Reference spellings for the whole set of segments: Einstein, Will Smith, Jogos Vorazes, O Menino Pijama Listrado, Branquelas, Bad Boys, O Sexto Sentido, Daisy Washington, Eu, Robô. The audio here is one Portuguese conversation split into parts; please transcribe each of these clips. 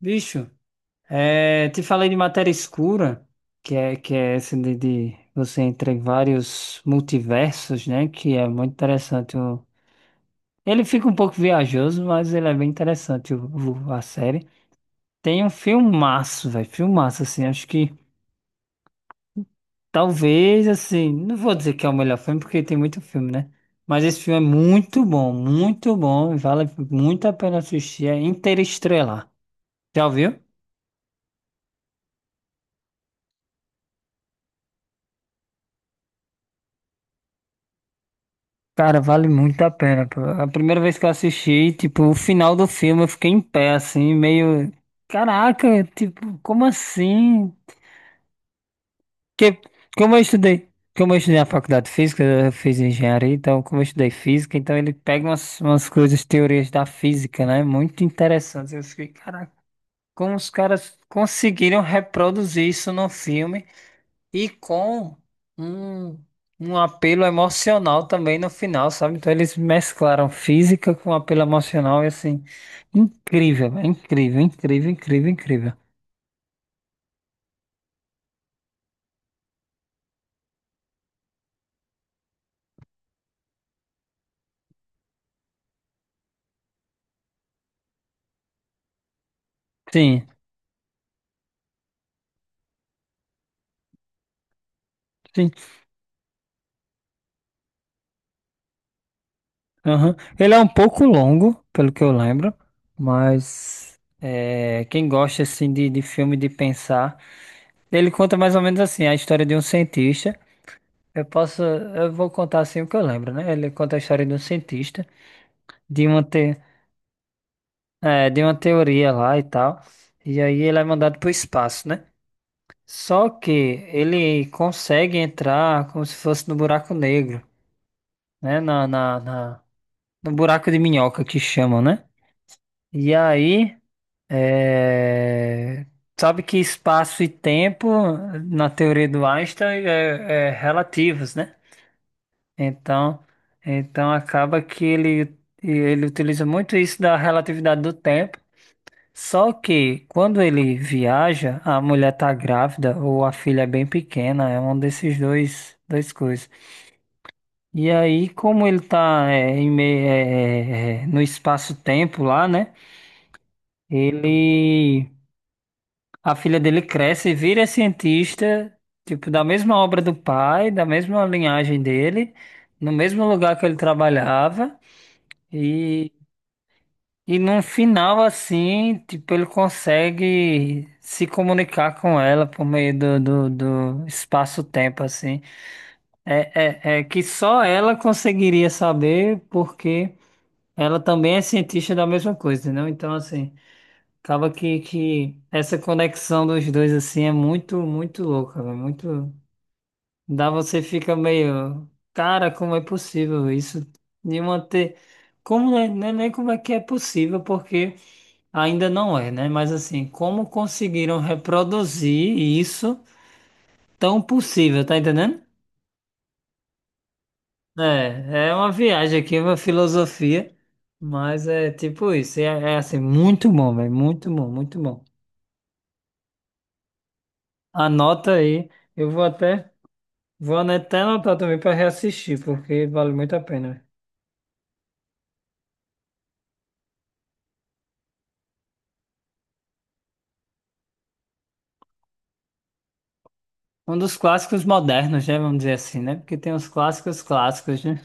Bicho, te falei de matéria escura, que é essa de você entrar em vários multiversos, né? Que é muito interessante. Ele fica um pouco viajoso, mas ele é bem interessante, a série. Tem um filmaço, velho. Filmaço, assim. Acho que talvez, assim. Não vou dizer que é o melhor filme, porque tem muito filme, né? Mas esse filme é muito bom, muito bom. E vale muito a pena assistir. É Interestrelar. Já ouviu? Cara, vale muito a pena, pô. A primeira vez que eu assisti, tipo, o final do filme eu fiquei em pé, assim, meio. Caraca, tipo, como assim? Que, Como eu estudei. Como eu estudei na faculdade de física, eu fiz engenharia, então, como eu estudei física, então ele pega umas coisas, teorias da física, né? Muito interessantes. Eu fiquei, caraca, como os caras conseguiram reproduzir isso no filme? E com um, um apelo emocional também no final, sabe? Então eles mesclaram física com apelo emocional e assim, incrível, é incrível, incrível, incrível, incrível. Sim, sim. Aham. Ele é um pouco longo, pelo que eu lembro, mas quem gosta assim de filme de pensar, ele conta mais ou menos assim a história de um cientista. Eu vou contar assim o que eu lembro, né? Ele conta a história de um cientista, de uma te... É, de uma teoria lá e tal. E aí ele é mandado para o espaço, né? Só que ele consegue entrar como se fosse no buraco negro, né? No buraco de minhoca que chamam, né? E aí, é, sabe que espaço e tempo, na teoria do Einstein, é relativos, né? Então, então, acaba que ele utiliza muito isso da relatividade do tempo. Só que quando ele viaja, a mulher tá grávida ou a filha é bem pequena, é um desses dois coisas. E aí, como ele tá em meio, no espaço-tempo lá, né? Ele, a filha dele cresce e vira cientista, tipo, da mesma obra do pai, da mesma linhagem dele, no mesmo lugar que ele trabalhava. E num final assim, tipo, ele consegue se comunicar com ela por meio do espaço-tempo, assim. É que só ela conseguiria saber, porque ela também é cientista da mesma coisa, não? Então, assim, acaba que essa conexão dos dois, assim, é muito, muito louca, velho. Muito. Dá você fica meio. Cara, como é possível isso? De manter. Como não é, não é nem como é que é possível, porque. Ainda não é, né? Mas assim, como conseguiram reproduzir isso tão possível, tá entendendo? É uma viagem aqui, é uma filosofia, mas é tipo isso, é assim, muito bom, velho, muito bom, muito bom. Anota aí, eu vou até, vou até anotar também para reassistir, porque vale muito a pena, velho. Um dos clássicos modernos, né? Vamos dizer assim, né? Porque tem os clássicos clássicos, né?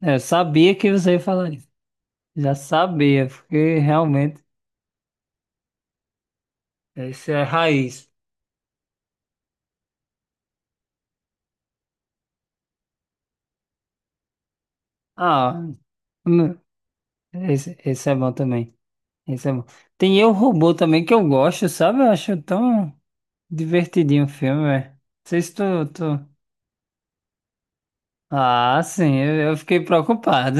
É, eu sabia que você ia falar isso. Já sabia, porque realmente isso é raiz. Ah, hum, esse é bom também. Esse é bom. Tem Eu, Robô também que eu gosto, sabe? Eu acho tão divertidinho o filme, velho. Não sei se tu... Ah, sim, eu fiquei preocupado.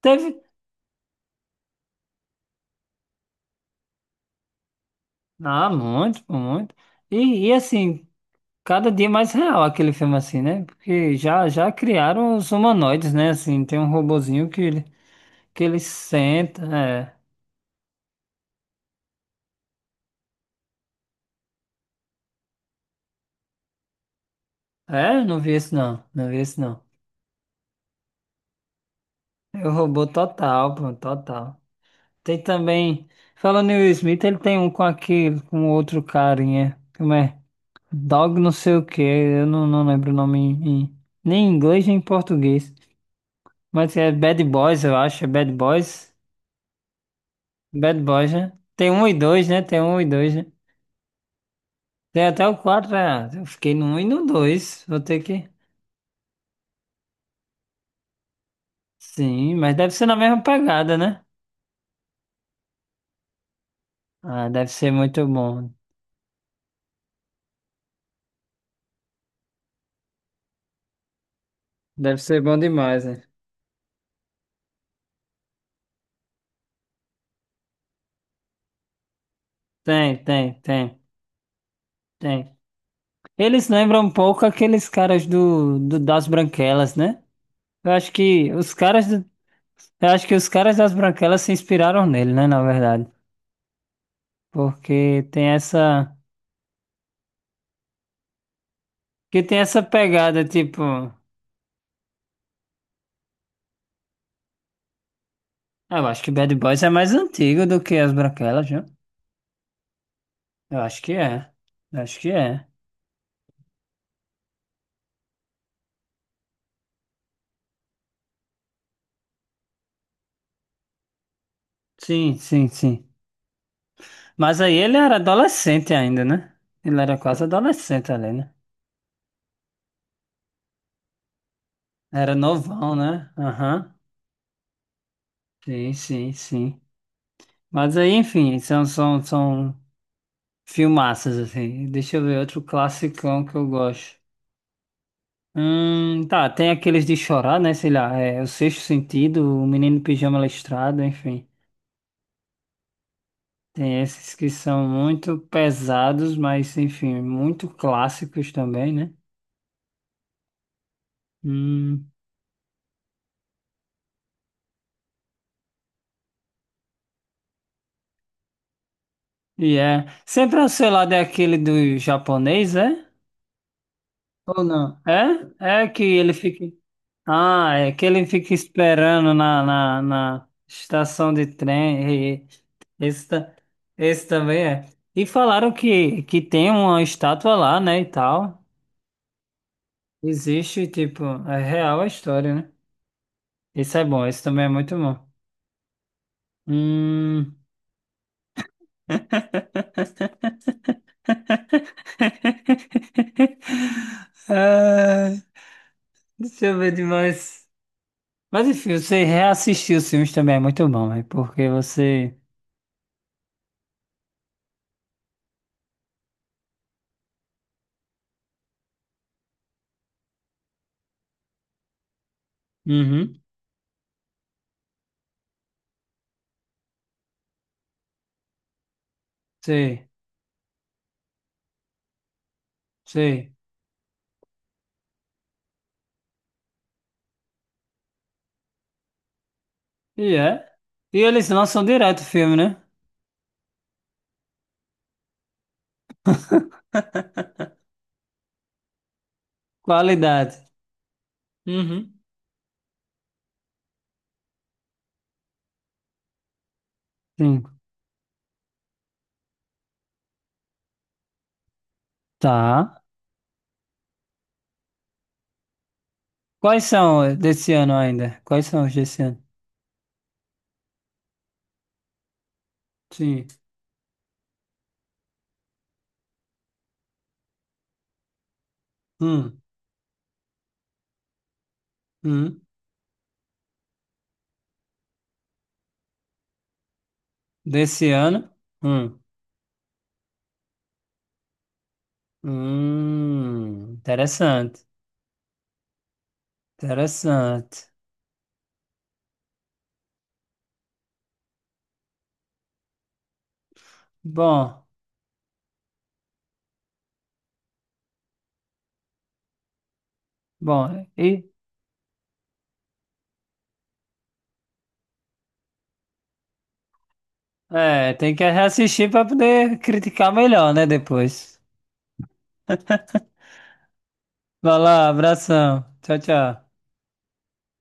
Teve... Ah, muito, pô, muito. E, assim, cada dia mais real aquele filme assim, né? Porque já criaram os humanoides, né? Assim, tem um robozinho que ele, senta, é. É, não vi esse não, não vi esse não. Eu robô total, pô, total. Tem também. Falando em Will Smith, ele tem um com aquele, com outro carinha. Como é? Dog não sei o que. Eu não lembro o nome em, nem em inglês nem em português. Mas é Bad Boys, eu acho. É Bad Boys. Bad Boys, né? Tem um e dois, né? Tem um e dois, né? Tem até o quatro. Ah, eu fiquei no um e no dois. Vou ter que. Sim, mas deve ser na mesma pegada, né? Ah, deve ser muito bom. Deve ser bom demais, né? Tem, tem, tem, tem. Eles lembram um pouco aqueles caras das Branquelas, né? Eu acho que os caras do- eu acho que os caras das Branquelas se inspiraram nele, né, na verdade. Porque tem essa que tem essa pegada tipo, ah, eu acho que Bad Boys é mais antigo do que as Branquelas, viu? Eu acho que é. Eu acho que é. Sim, sim, sim. Mas aí ele era adolescente ainda, né? Ele era quase adolescente ali, né? Era novão, né? Aham. Sim, sim, sim. Mas aí, enfim, são filmaças, assim. Deixa eu ver outro classicão que eu gosto. Tá, tem aqueles de chorar, né? Sei lá, é O Sexto Sentido, O Menino Pijama Listrado, enfim. Tem esses que são muito pesados, mas, enfim, muito clássicos também, né? Hum, e é. Sempre, sei lá, daquele do japonês, é? Ou não? É? É que ele fica. Ah, é que ele fica esperando na estação de trem. Esse, ta- esse também é. E falaram que tem uma estátua lá, né, e tal. Existe, tipo, é real a história, né? Isso é bom, isso também é muito bom. Hum... Ah, deixa eu ver demais. Mas enfim, você reassistir os filmes também é muito bom, é porque você... Uhum, sei, sei. E é. E eles lançam direto o filme, né? Qualidade. Uhum. Sim. Tá. Quais são desse ano ainda? Quais são os desse ano? Sim. Hum. Hum. Desse ano? Hum. Hum. Interessante. Interessante. Bom. Bom. E é, tem que reassistir para poder criticar melhor, né? Depois. Vai lá, abração. Tchau, tchau.